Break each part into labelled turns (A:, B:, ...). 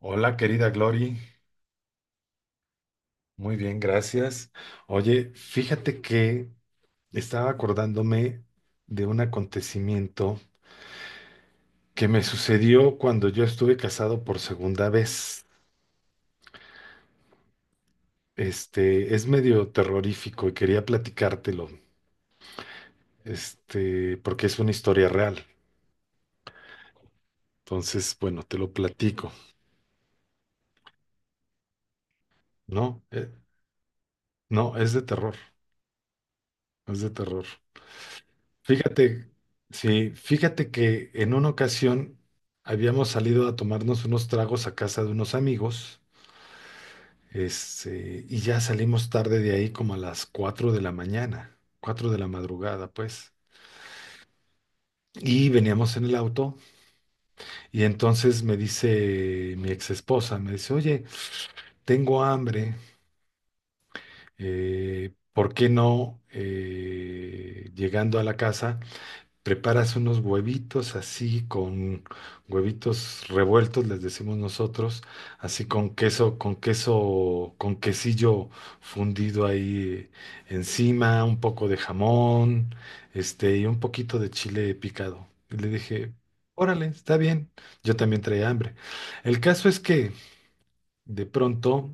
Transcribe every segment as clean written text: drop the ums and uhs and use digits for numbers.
A: Hola, querida Glory. Muy bien, gracias. Oye, fíjate que estaba acordándome de un acontecimiento que me sucedió cuando yo estuve casado por segunda vez. Este, es medio terrorífico y quería platicártelo, este, porque es una historia real. Entonces, bueno, te lo platico, ¿no? No, es de terror, es de terror. Fíjate, sí, fíjate que en una ocasión habíamos salido a tomarnos unos tragos a casa de unos amigos, este, y ya salimos tarde de ahí como a las 4 de la mañana, 4 de la madrugada, pues. Y veníamos en el auto y entonces me dice mi ex esposa, me dice, oye, tengo hambre, ¿por qué no llegando a la casa? Preparas unos huevitos así con huevitos revueltos, les decimos nosotros, así con queso, con queso, con quesillo fundido ahí encima, un poco de jamón, este, y un poquito de chile picado. Y le dije, órale, está bien. Yo también traía hambre. El caso es que de pronto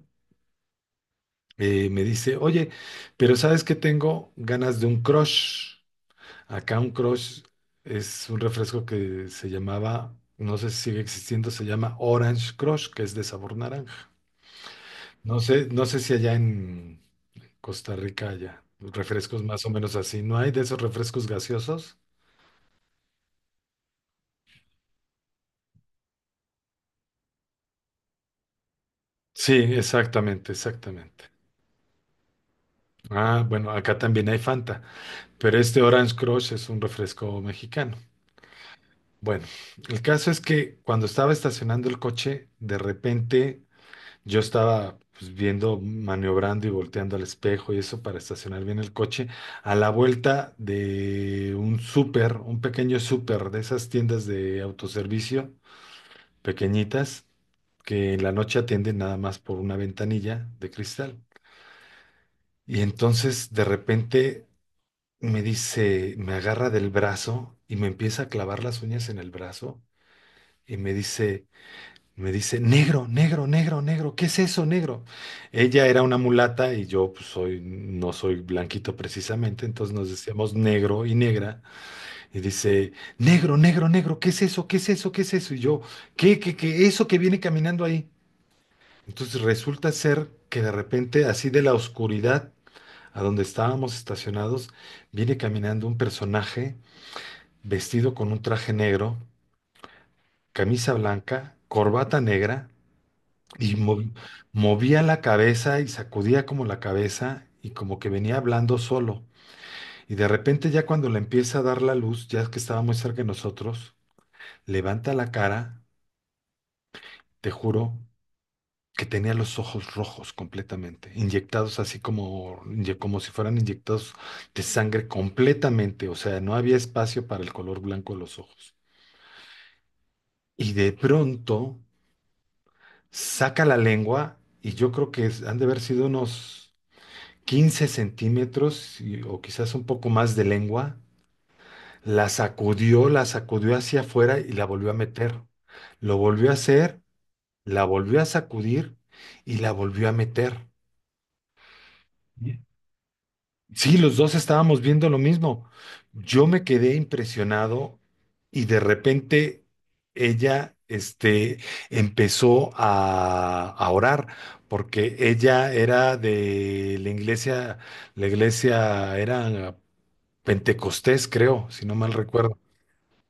A: me dice, oye, pero ¿sabes que tengo ganas de un crush? Acá un crush es un refresco que se llamaba, no sé si sigue existiendo, se llama Orange Crush, que es de sabor naranja. No sé, no sé si allá en Costa Rica haya refrescos más o menos así. ¿No hay de esos refrescos gaseosos? Sí, exactamente, exactamente. Ah, bueno, acá también hay Fanta, pero este Orange Crush es un refresco mexicano. Bueno, el caso es que cuando estaba estacionando el coche, de repente yo estaba, pues, viendo, maniobrando y volteando al espejo y eso para estacionar bien el coche a la vuelta de un súper, un pequeño súper, de esas tiendas de autoservicio pequeñitas que en la noche atienden nada más por una ventanilla de cristal. Y entonces de repente me dice, me agarra del brazo y me empieza a clavar las uñas en el brazo y me dice, me dice, negro, negro, negro, negro, ¿qué es eso, negro? Ella era una mulata y yo, pues, soy, no soy blanquito precisamente, entonces nos decíamos negro y negra. Y dice, negro, negro, negro, ¿qué es eso? ¿Qué es eso? ¿Qué es eso? Y yo, ¿qué, qué, qué? Eso que viene caminando ahí. Entonces resulta ser que de repente, así de la oscuridad a donde estábamos estacionados, viene caminando un personaje vestido con un traje negro, camisa blanca, corbata negra. Y movía la cabeza y sacudía como la cabeza y como que venía hablando solo. Y de repente, ya cuando le empieza a dar la luz, ya que estaba muy cerca de nosotros, levanta la cara, te juro que tenía los ojos rojos completamente, inyectados así como, como si fueran inyectados de sangre completamente, o sea, no había espacio para el color blanco de los ojos. Y de pronto saca la lengua y yo creo que han de haber sido unos 15 centímetros o quizás un poco más de lengua, la sacudió hacia afuera y la volvió a meter. Lo volvió a hacer, la volvió a sacudir y la volvió a meter. Sí, los dos estábamos viendo lo mismo. Yo me quedé impresionado y de repente ella, este, empezó a orar porque ella era de la iglesia era Pentecostés, creo, si no mal recuerdo.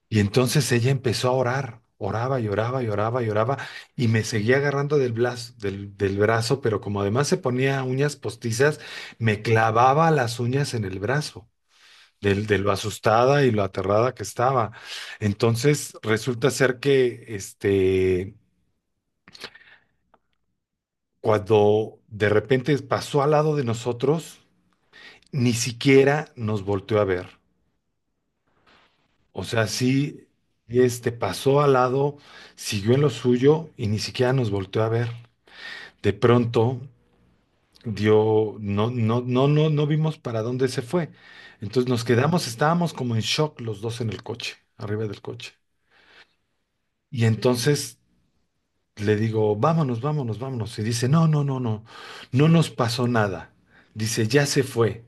A: Y entonces ella empezó a orar, oraba y oraba y oraba y oraba, y me seguía agarrando del brazo, del brazo, pero como además se ponía uñas postizas, me clavaba las uñas en el brazo, de lo asustada y lo aterrada que estaba. Entonces resulta ser que este, cuando de repente pasó al lado de nosotros, ni siquiera nos volteó a ver. O sea, sí, este pasó al lado, siguió en lo suyo y ni siquiera nos volteó a ver. De pronto dio, no, no, no, no no vimos para dónde se fue. Entonces nos quedamos, estábamos como en shock los dos en el coche, arriba del coche. Y entonces le digo, vámonos, vámonos, vámonos. Y dice, no, no, no, no, no nos pasó nada. Dice, ya se fue.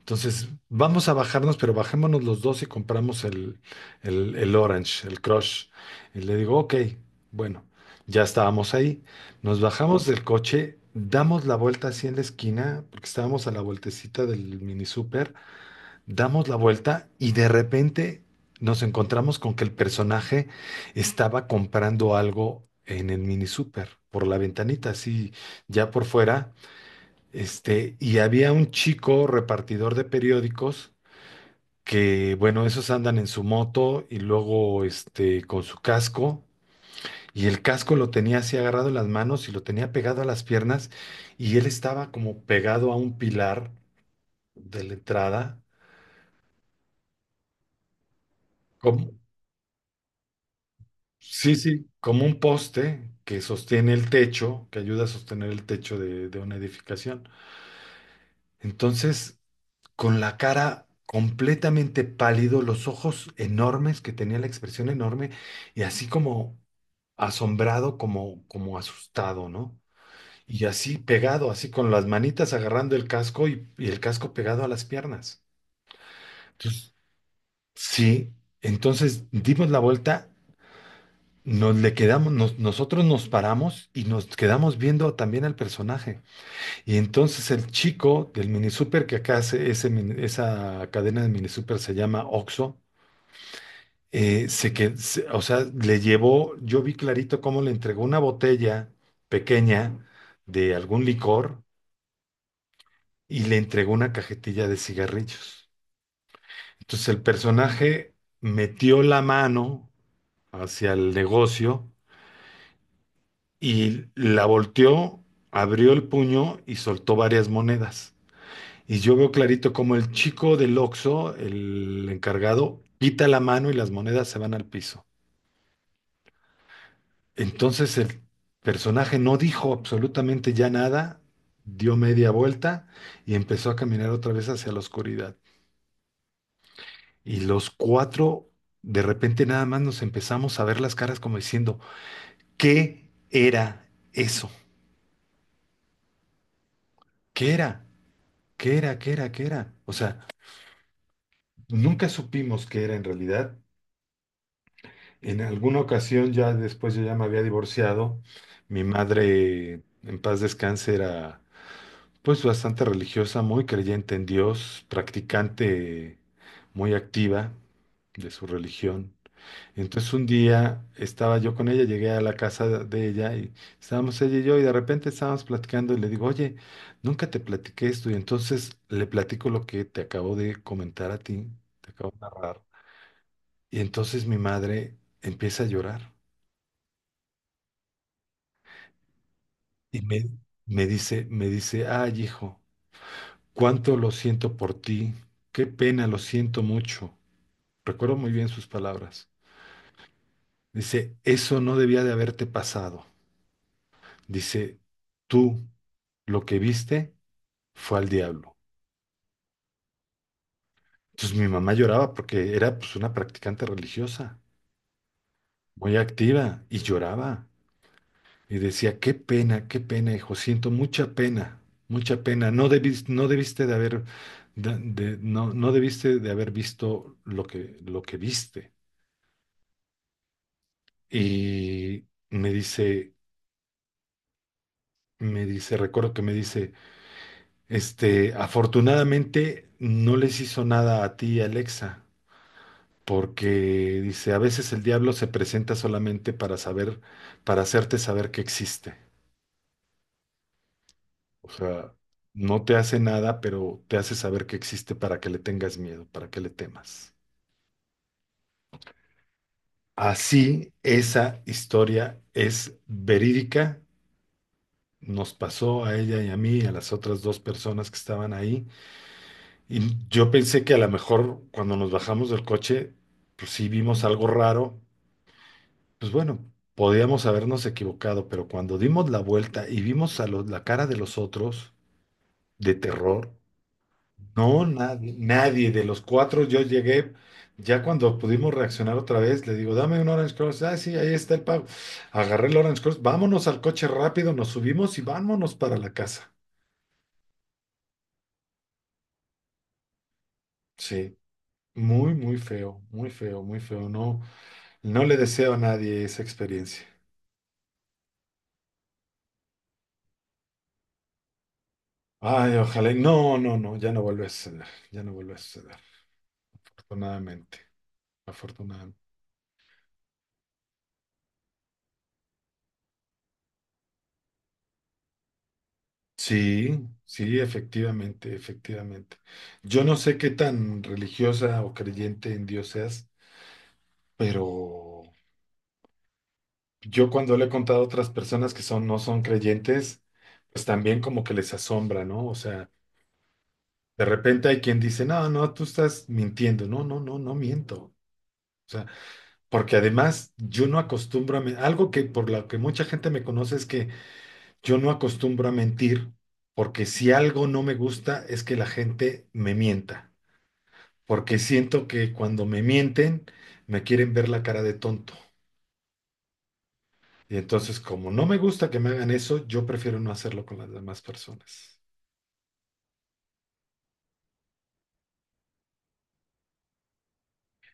A: Entonces, vamos a bajarnos, pero bajémonos los dos y compramos el, el Orange, el Crush. Y le digo, ok, bueno, ya estábamos ahí. Nos bajamos del coche, damos la vuelta así en la esquina, porque estábamos a la vueltecita del mini super, damos la vuelta y de repente nos encontramos con que el personaje estaba comprando algo en el mini super, por la ventanita, así ya por fuera. Este, y había un chico repartidor de periódicos que, bueno, esos andan en su moto y luego, este, con su casco. Y el casco lo tenía así agarrado en las manos y lo tenía pegado a las piernas. Y él estaba como pegado a un pilar de la entrada, como, sí, sí, como un poste que sostiene el techo, que ayuda a sostener el techo de una edificación. Entonces, con la cara completamente pálido, los ojos enormes, que tenía la expresión enorme, y así como asombrado, como, como asustado, ¿no? Y así pegado, así con las manitas agarrando el casco y el casco pegado a las piernas. Entonces, sí, entonces dimos la vuelta, nos le quedamos, nosotros nos paramos y nos quedamos viendo también al personaje. Y entonces el chico del mini super, que acá hace ese esa cadena de mini super se llama Oxxo, o sea, le llevó, yo vi clarito cómo le entregó una botella pequeña de algún licor y le entregó una cajetilla de cigarrillos. Entonces el personaje metió la mano hacia el negocio y la volteó, abrió el puño y soltó varias monedas. Y yo veo clarito como el chico del Oxxo, el encargado, quita la mano y las monedas se van al piso. Entonces el personaje no dijo absolutamente ya nada, dio media vuelta y empezó a caminar otra vez hacia la oscuridad. Y los cuatro, de repente nada más nos empezamos a ver las caras como diciendo, ¿qué era eso? ¿Qué era? ¿Qué era? ¿Qué era? ¿Qué era? O sea, nunca supimos qué era en realidad. En alguna ocasión, ya después, yo ya me había divorciado, mi madre, en paz descanse, era, pues, bastante religiosa, muy creyente en Dios, practicante muy activa de su religión. Entonces un día estaba yo con ella, llegué a la casa de ella y estábamos ella y yo y de repente estábamos platicando y le digo, oye, nunca te platiqué esto y entonces le platico lo que te acabo de comentar a ti, te acabo de narrar. Y entonces mi madre empieza a llorar. Y me dice, ay, hijo, cuánto lo siento por ti, qué pena, lo siento mucho. Recuerdo muy bien sus palabras. Dice, eso no debía de haberte pasado. Dice, tú lo que viste fue al diablo. Entonces mi mamá lloraba porque era, pues, una practicante religiosa, muy activa, y lloraba. Y decía, qué pena, hijo, siento mucha pena, mucha pena. No debiste, no debiste de haber, no, no debiste de haber visto lo que viste. Y me dice, me dice, recuerdo que me dice, este, afortunadamente no les hizo nada a ti, Alexa, porque dice, a veces el diablo se presenta solamente para saber, para hacerte saber que existe. O sea, no te hace nada, pero te hace saber que existe para que le tengas miedo, para que le temas. Así, esa historia es verídica. Nos pasó a ella y a mí, y a las otras dos personas que estaban ahí. Y yo pensé que a lo mejor, cuando nos bajamos del coche, pues sí vimos algo raro. Pues bueno, podíamos habernos equivocado, pero cuando dimos la vuelta y vimos a la cara de los otros de terror, no, nadie, nadie de los cuatro. Yo llegué, ya cuando pudimos reaccionar otra vez, le digo, dame un Orange Cross. Ah, sí, ahí está el pago. Agarré el Orange Cross, vámonos al coche rápido, nos subimos y vámonos para la casa. Sí, muy, muy feo, muy feo, muy feo. No, no le deseo a nadie esa experiencia. Ay, ojalá. No, no, no, ya no vuelve a suceder, ya no vuelve a suceder, afortunadamente, afortunadamente. Sí, sí, efectivamente, efectivamente. Yo no sé qué tan religiosa o creyente en Dios seas, pero yo, cuando le he contado a otras personas que son, no son creyentes, pues también como que les asombra, ¿no? O sea, de repente hay quien dice, no, no, tú estás mintiendo. No, no, no, no miento. O sea, porque además yo no acostumbro a, algo que por lo que mucha gente me conoce es que yo no acostumbro a mentir, porque si algo no me gusta es que la gente me mienta. Porque siento que cuando me mienten, me quieren ver la cara de tonto. Y entonces, como no me gusta que me hagan eso, yo prefiero no hacerlo con las demás personas.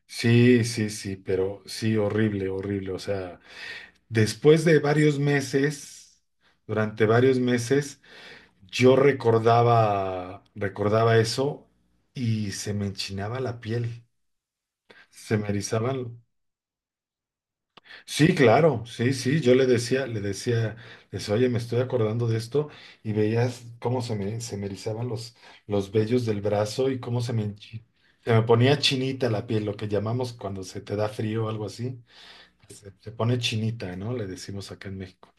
A: Sí, sí, sí, pero sí, horrible, horrible. O sea, después de varios meses, durante varios meses, yo recordaba, recordaba eso y se me enchinaba la piel, se me erizaban. Sí, claro, sí, sí, yo le decía, les oye, me estoy acordando de esto y veías cómo se me erizaban los vellos del brazo y cómo se me, se me ponía chinita la piel, lo que llamamos cuando se te da frío o algo así, se pone chinita, ¿no? Le decimos acá en México.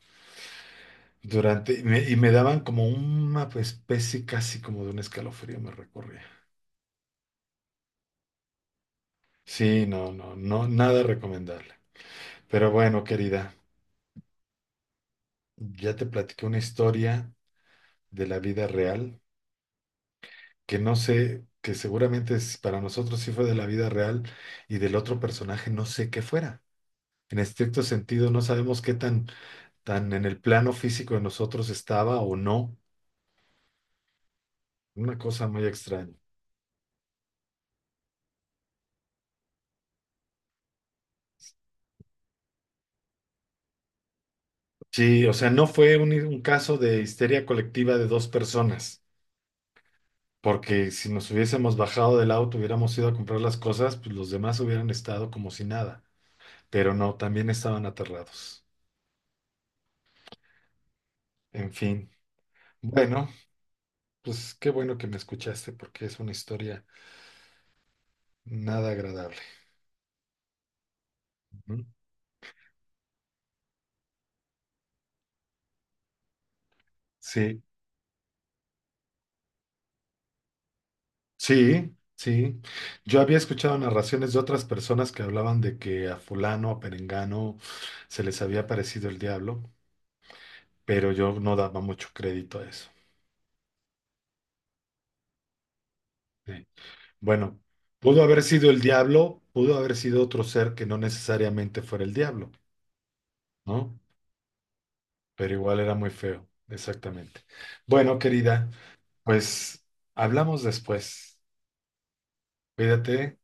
A: Durante, y me daban como una, pues, especie casi como de un escalofrío, me recorría. Sí, no, no, no, nada recomendable. Pero bueno, querida, ya te platiqué una historia de la vida real, que no sé, que seguramente para nosotros sí fue de la vida real y del otro personaje no sé qué fuera. En estricto sentido, no sabemos qué tan en el plano físico de nosotros estaba o no. Una cosa muy extraña. Sí, o sea, no fue un caso de histeria colectiva de dos personas, porque si nos hubiésemos bajado del auto, hubiéramos ido a comprar las cosas, pues los demás hubieran estado como si nada, pero no, también estaban aterrados. En fin, bueno, pues qué bueno que me escuchaste, porque es una historia nada agradable. Ujú. Sí, sí, sí. Yo había escuchado narraciones de otras personas que hablaban de que a fulano, a perengano, se les había parecido el diablo, pero yo no daba mucho crédito a eso. Sí. Bueno, pudo haber sido el diablo, pudo haber sido otro ser que no necesariamente fuera el diablo, ¿no? Pero igual era muy feo, exactamente. Bueno, querida, pues hablamos después. Cuídate,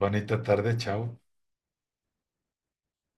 A: bonita tarde, chao.